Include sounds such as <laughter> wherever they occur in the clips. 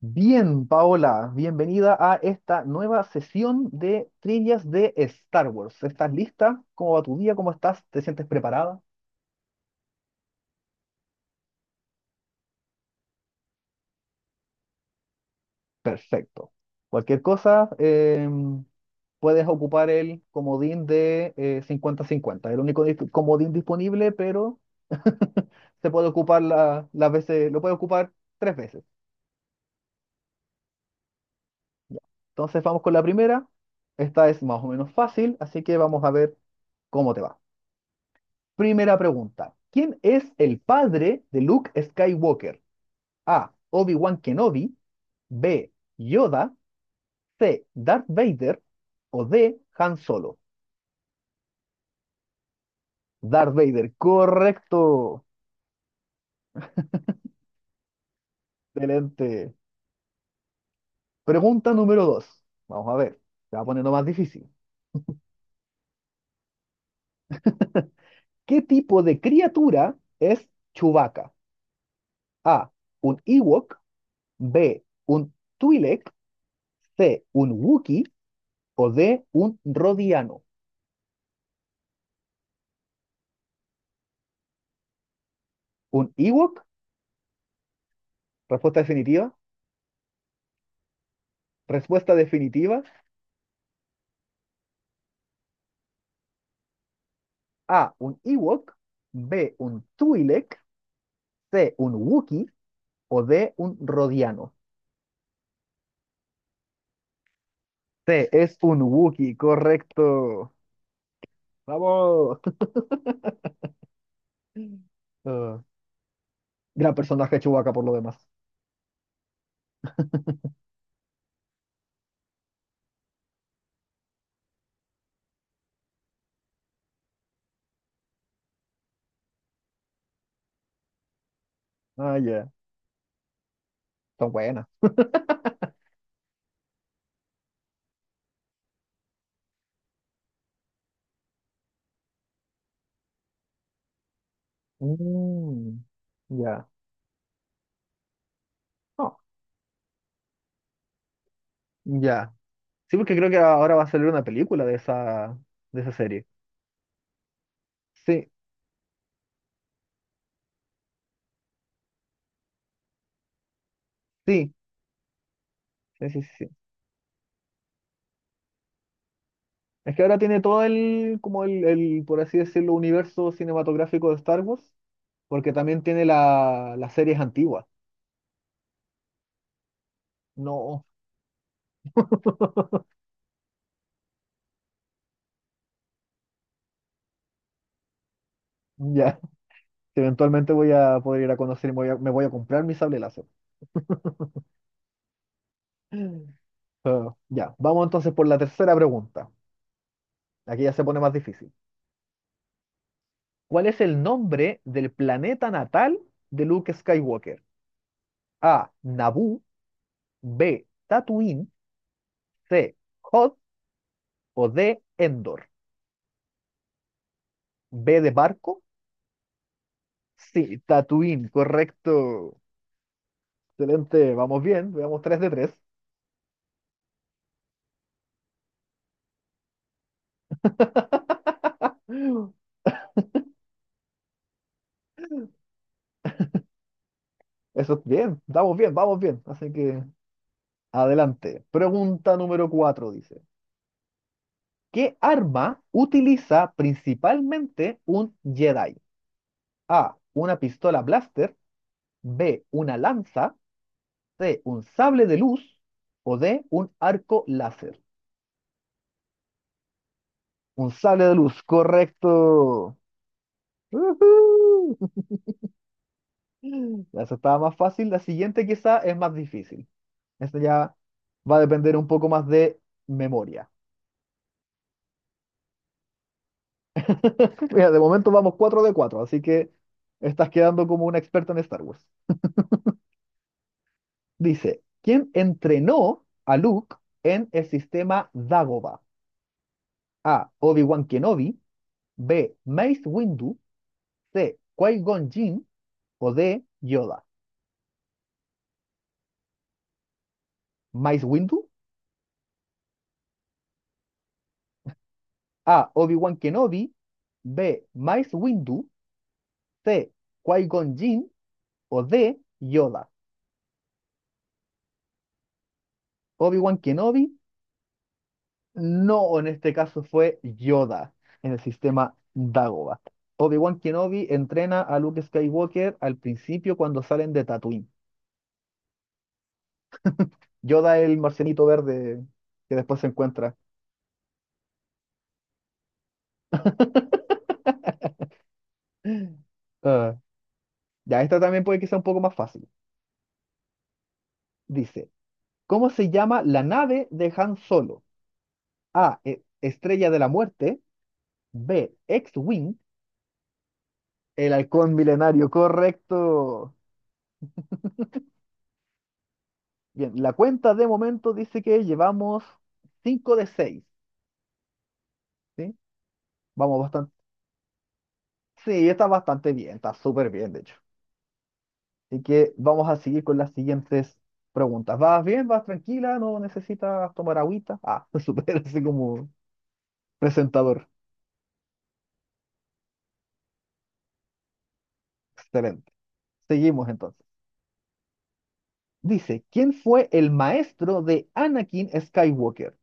Bien, Paola, bienvenida a esta nueva sesión de trillas de Star Wars. ¿Estás lista? ¿Cómo va tu día? ¿Cómo estás? ¿Te sientes preparada? Perfecto. Cualquier cosa, puedes ocupar el comodín de 50-50. El único comodín disponible, pero <laughs> se puede ocupar las veces, lo puedes ocupar 3 veces. Ya. Entonces vamos con la primera. Esta es más o menos fácil, así que vamos a ver cómo te va. Primera pregunta. ¿Quién es el padre de Luke Skywalker? A, Obi-Wan Kenobi. B, Yoda. C, Darth Vader. O D, Han Solo. Darth Vader. Correcto. Excelente. Pregunta número dos. Vamos a ver. Se va poniendo más difícil. <laughs> ¿Qué tipo de criatura es Chewbacca? A, un Ewok. B, un Twi'lek. C, un Wookiee. O D, un Rodiano. Un Ewok. Respuesta definitiva. Respuesta definitiva. A, un Ewok. B, un Twi'lek. C, un Wookiee. O D, un Rodiano. C, es un Wookiee, correcto. Vamos. <laughs> Ah, gran personaje Chewbacca por lo demás. Ah, ya. Son buenas. Mm, ya. No, ya. Sí, porque creo que ahora va a salir una película de esa serie. Sí, sí, sí, sí, sí. Es que ahora tiene todo el, como el, por así decirlo, universo cinematográfico de Star Wars, porque también tiene las series antiguas. No, <laughs> ya, eventualmente voy a poder ir a conocer y me voy a comprar mi sable láser. Pero, ya, vamos entonces por la tercera pregunta. Aquí ya se pone más difícil. ¿Cuál es el nombre del planeta natal de Luke Skywalker? A, Naboo. B, Tatooine. C, Hoth. O D, Endor. B de barco. Sí, Tatooine, correcto. Excelente, vamos bien, veamos 3 de 3. <laughs> Eso es bien, vamos bien, vamos bien. Así que adelante. Pregunta número 4 dice, ¿qué arma utiliza principalmente un Jedi? A, una pistola blaster. B, una lanza. C, un sable de luz. O D, un arco láser. Un sable de luz, correcto. ¡Uhú! Ya, esa estaba más fácil. La siguiente quizá es más difícil. Esta ya va a depender un poco más de memoria. <laughs> Mira, de momento vamos 4 de 4, así que estás quedando como una experta en Star Wars. Dice, ¿quién entrenó a Luke en el sistema Dagobah? A, Obi-Wan Kenobi. B, Mace Windu. C, Qui-Gon Jinn. O D, Yoda. Mace Windu. A, Obi-Wan Kenobi. B, Mace Windu. C, Qui-Gon Jinn. O D, Yoda. Obi-Wan Kenobi, no, o en este caso fue Yoda en el sistema Dagobah. Obi-Wan Kenobi entrena a Luke Skywalker al principio cuando salen de Tatooine. Yoda es el marcianito verde que después se encuentra. <laughs> Ah, ya, esta también puede que sea un poco más fácil. Dice, ¿cómo se llama la nave de Han Solo? A, Estrella de la Muerte. B, X-Wing. El halcón milenario, correcto. Bien, la cuenta de momento dice que llevamos 5 de 6, ¿sí? Vamos bastante. Sí, está bastante bien, está súper bien, de hecho. Así que vamos a seguir con las siguientes preguntas. ¿Vas bien? ¿Vas tranquila? ¿No necesitas tomar agüita? Ah, <laughs> súper, así como presentador. Excelente. Seguimos entonces. Dice, ¿quién fue el maestro de Anakin Skywalker?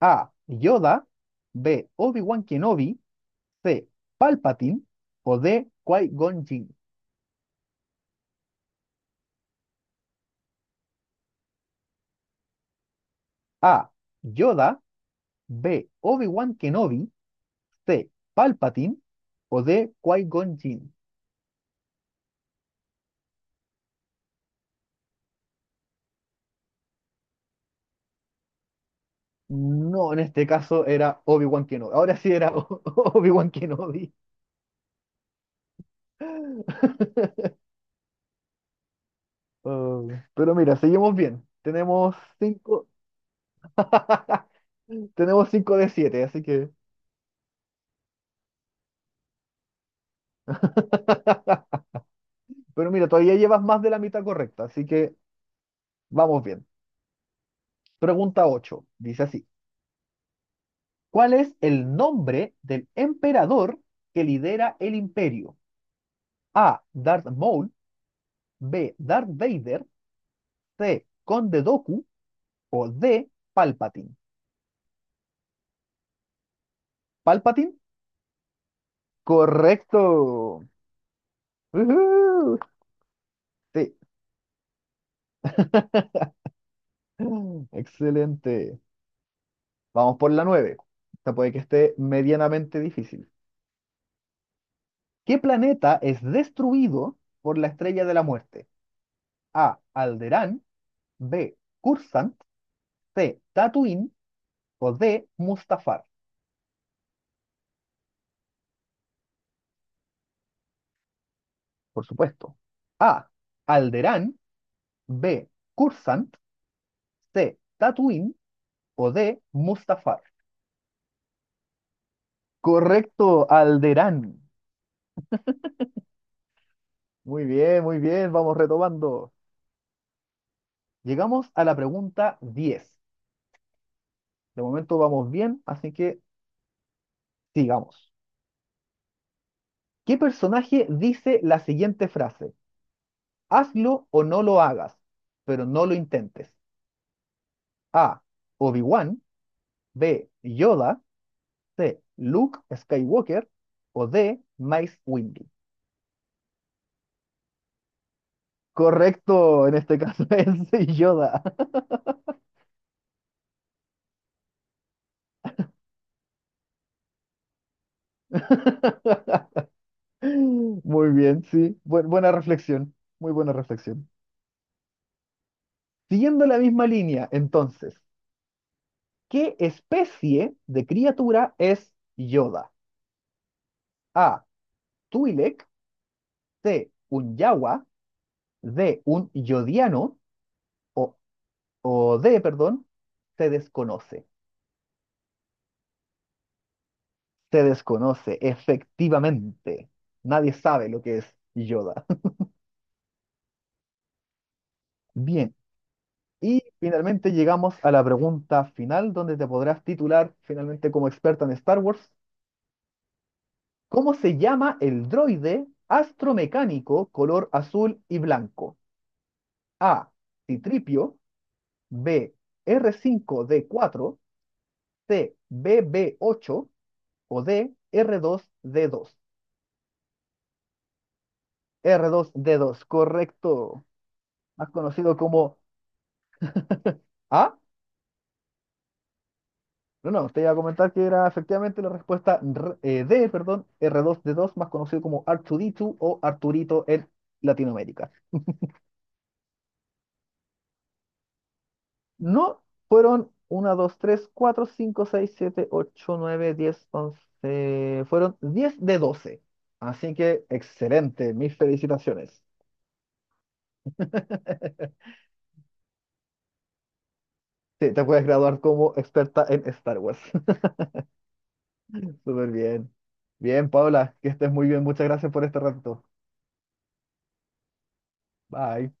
A, Yoda. B, Obi-Wan Kenobi. C, Palpatine. O D, Qui-Gon Jinn. A, Yoda. B, Obi-Wan Kenobi. C, Palpatine. O D, Qui-Gon Jinn. No, en este caso era Obi-Wan Kenobi. Ahora sí era <laughs> Obi-Wan Kenobi. Oh, pero mira, seguimos bien. Tenemos cinco. <laughs> Tenemos 5 de 7, así que. <laughs> Pero mira, todavía llevas más de la mitad correcta, así que vamos bien. Pregunta 8. Dice así. ¿Cuál es el nombre del emperador que lidera el imperio? A, Darth Maul. B, Darth Vader. C, Conde Doku. O D, Palpatine. Palpatine. Correcto. Ujú. Sí. <laughs> Excelente. Vamos por la 9. Esta puede que esté medianamente difícil. ¿Qué planeta es destruido por la estrella de la muerte? A, Alderaan. B, Coruscant. C, Tatooine. O D, Mustafar. Por supuesto. A, Alderaan. B, Coruscant. C, Tatooine. O D, Mustafar. Correcto, Alderán. Muy bien, vamos retomando. Llegamos a la pregunta 10. De momento vamos bien, así que sigamos. ¿Qué personaje dice la siguiente frase? Hazlo o no lo hagas, pero no lo intentes. A, Obi-Wan. B, Yoda. C, Luke Skywalker. O D, Mace Windu. Correcto, en este caso <laughs> es Yoda. <laughs> <laughs> Muy bien, sí. Buena reflexión, muy buena reflexión. Siguiendo la misma línea, entonces, ¿qué especie de criatura es Yoda? A, Twi'lek. C, un Yawa. D, un Yodiano. O, o D, perdón, se desconoce. Se desconoce, efectivamente. Nadie sabe lo que es Yoda. <laughs> Bien, y finalmente llegamos a la pregunta final, donde te podrás titular finalmente como experta en Star Wars. ¿Cómo se llama el droide astromecánico color azul y blanco? A, Citripio. B, R5D4. C, BB8. O D, R2D2. R2D2, correcto. Más conocido como A. No, no, te iba a comentar que era efectivamente la respuesta D, perdón, R2D2, más conocido como Arturito o Arturito en Latinoamérica. No, fueron 1, dos, tres, cuatro, cinco, seis, siete, ocho, nueve, diez, once. Fueron 10 de 12. Así que excelente, mis felicitaciones. <laughs> Sí, te puedes graduar como experta en Star Wars. <laughs> Súper bien. Bien, Paula, que estés muy bien. Muchas gracias por este rato. Bye.